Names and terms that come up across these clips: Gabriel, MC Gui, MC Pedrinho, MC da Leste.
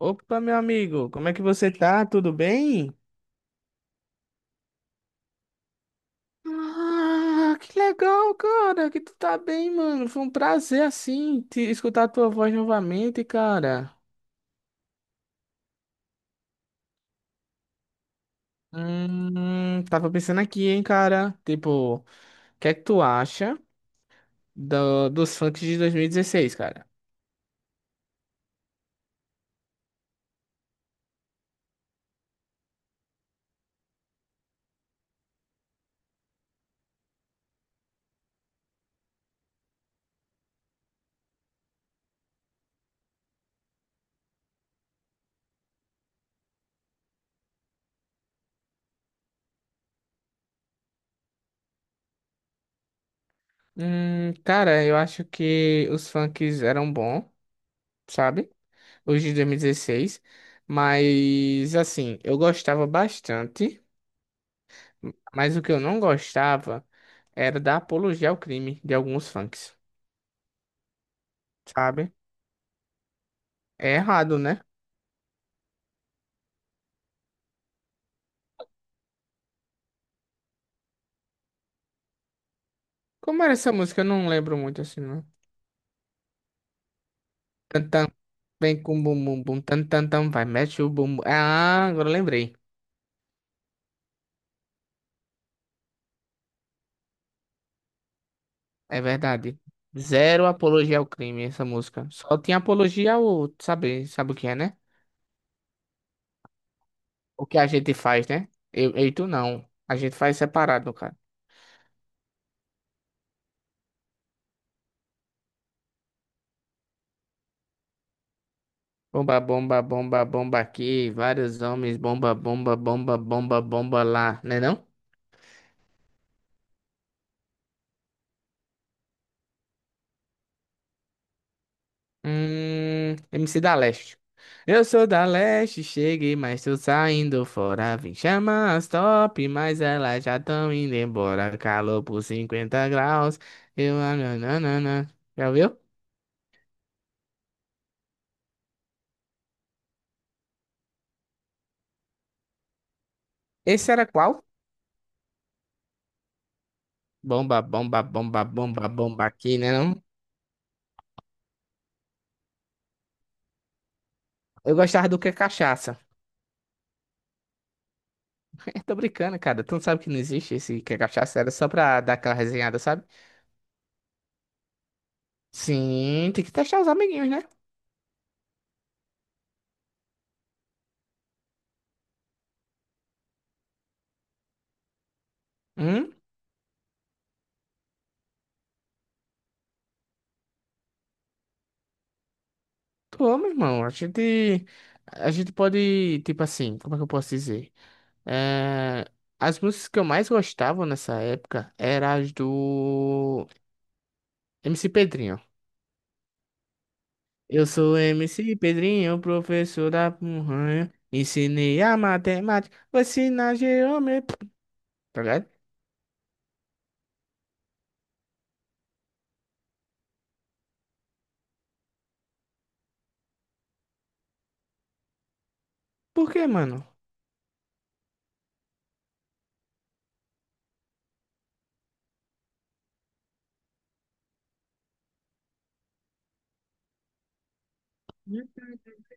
Opa, meu amigo, como é que você tá? Tudo bem? Ah, que legal, cara, que tu tá bem, mano. Foi um prazer, assim, te escutar a tua voz novamente, cara. Tava pensando aqui, hein, cara. Tipo, o que é que tu acha dos funks de 2016, cara? Cara, eu acho que os funks eram bons, sabe? Os de 2016. Mas, assim, eu gostava bastante. Mas o que eu não gostava era da apologia ao crime de alguns funks, sabe? É errado, né? Como era essa música? Eu não lembro muito assim, não. Tantan, vem com bum bum bum, tan tan tan, vai, mete o bum. Bum. Ah, agora eu lembrei. É verdade. Zero apologia ao crime essa música. Só tinha apologia ao saber, sabe o que é, né? O que a gente faz, né? Eu e tu não. A gente faz separado, no caso. Bomba, bomba, bomba, bomba aqui. Vários homens, bomba, bomba, bomba, bomba, bomba lá, né não? MC da Leste. Eu sou da Leste, cheguei, mas tô saindo fora. Vim chamar as top, mas elas já tão indo embora. Calor por 50 graus. Eu, ah, não. Já viu? Esse era qual? Bomba, bomba, bomba, bomba, bomba aqui, né não? Eu gostava do que é cachaça. Eu tô brincando, cara. Tu não sabe que não existe esse que é cachaça. Era só pra dar aquela resenhada, sabe? Sim, tem que testar os amiguinhos, né? Hum? Tô, meu irmão. A gente. A gente pode. Tipo assim, como é que eu posso dizer? É, as músicas que eu mais gostava nessa época eram as do MC Pedrinho. Eu sou MC Pedrinho, professor da Punhanha. Ensinei a matemática, vou ensinar geometria. Tá ligado? Por quê, mano?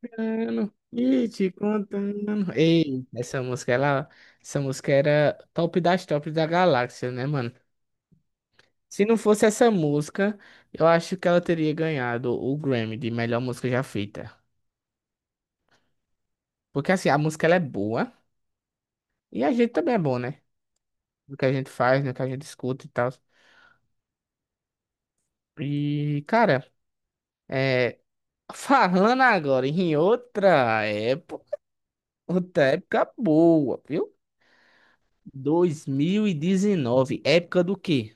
Contando, e te contando. Ei, essa música, ela, essa música era top das tops da galáxia, né, mano? Se não fosse essa música, eu acho que ela teria ganhado o Grammy de melhor música já feita. Porque assim, a música ela é boa e a gente também é bom, né? No que a gente faz, no que a gente escuta e tal. E, cara, é, falando agora em outra época boa, viu? 2019, época do quê?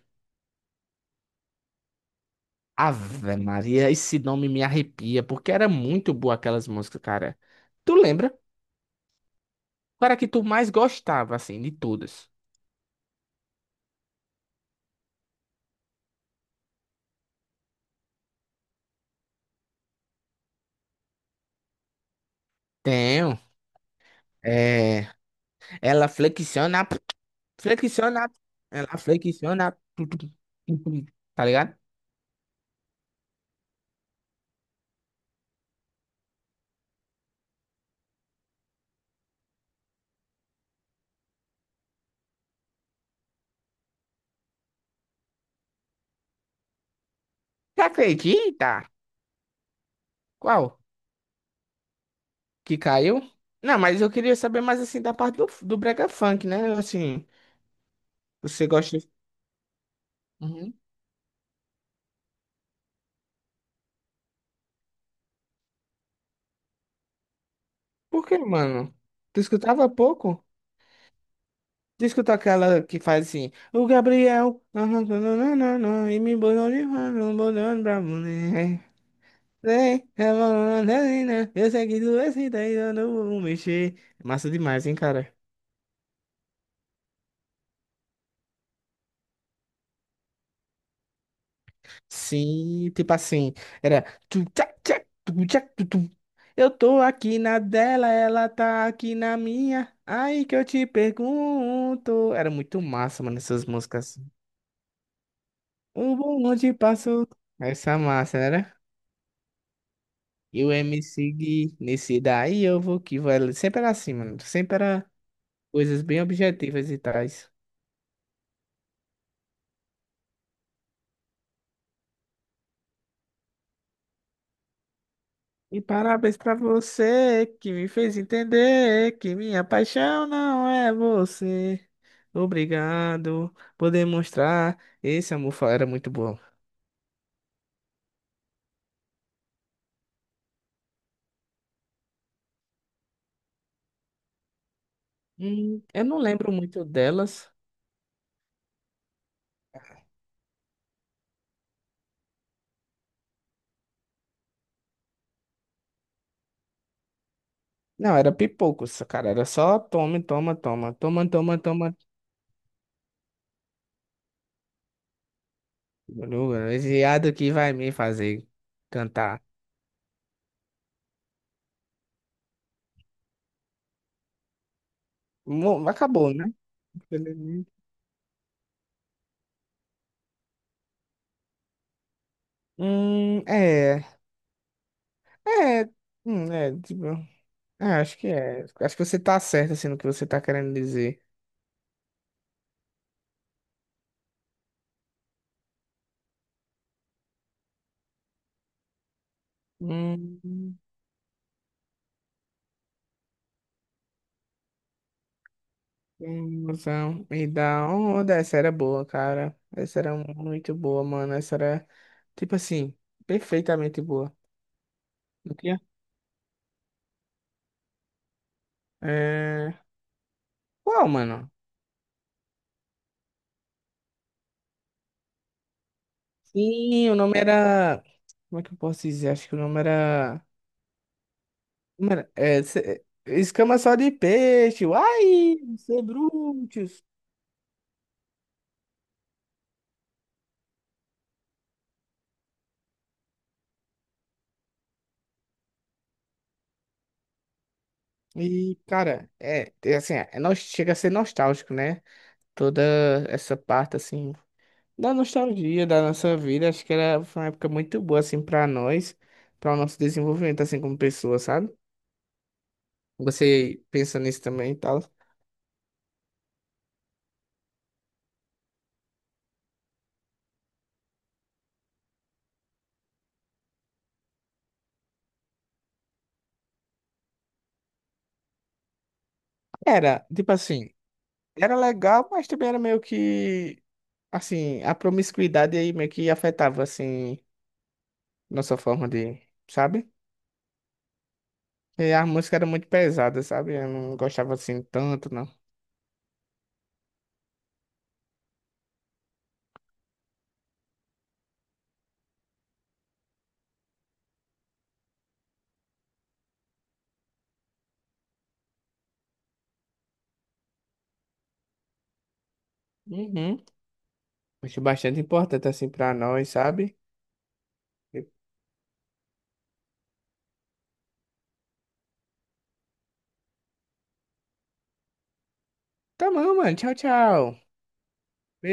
Ave Maria, esse nome me arrepia, porque era muito boa aquelas músicas, cara. Tu lembra? Qual era a que tu mais gostava, assim, de todas? Tenho. É, ela flexiona, flexiona, ela flexiona, tu, tu, tu, tu, tá ligado? Você acredita? Qual? Que caiu? Não, mas eu queria saber mais, assim, da parte do brega funk, né? Assim, você gosta... Uhum. Por que, mano? Tu escutava pouco? Tu escuta aquela que faz assim, o Gabriel, nananana, e me botou de mano, botou pra mulher. Vem, é banana, eu sei que tu é assim, daí eu não vou mexer. Massa demais, hein, cara? Sim, tipo assim, era. Tu, tchac, tchac, tu, tu. Eu tô aqui na dela, ela tá aqui na minha. Aí que eu te pergunto. Era muito massa, mano, essas músicas. O bonde passou. Essa massa, né? E o MC Gui, nesse daí eu vou que vai. Sempre era assim, mano. Sempre era coisas bem objetivas e tais. E parabéns pra você que me fez entender que minha paixão não é você. Obrigado por demonstrar. Esse amor fa- era muito bom. Eu não lembro muito delas. Não, era pipoco, essa cara. Era só toma, toma, toma, toma, toma, toma. Esse viado que vai me fazer cantar. Mo- acabou, né? É. É. Hum, é, tipo. Acho que é. Acho que você tá certo, assim, no que você tá querendo dizer. Hum, conclusão. Me dá onda. Essa era boa, cara. Essa era muito boa, mano. Essa era, tipo assim, perfeitamente boa. Não tinha? É... Qual, mano? Sim, o nome era. Como é que eu posso dizer? Acho que o nome era. Mano, é, escama só de peixe. Uai, ser bruto. E, cara, é, é assim, é, chega a ser nostálgico, né? Toda essa parte, assim, da nostalgia da nossa vida, acho que era, foi uma época muito boa, assim, pra nós, para o nosso desenvolvimento, assim, como pessoa, sabe? Você pensa nisso também e tal. Era, tipo assim, era legal, mas também era meio que, assim, a promiscuidade aí meio que afetava, assim, nossa forma de, sabe? E a música era muito pesada, sabe? Eu não gostava, assim, tanto, não. Uhum. Acho bastante importante assim pra nós, sabe? E tá bom, mano. Tchau, tchau.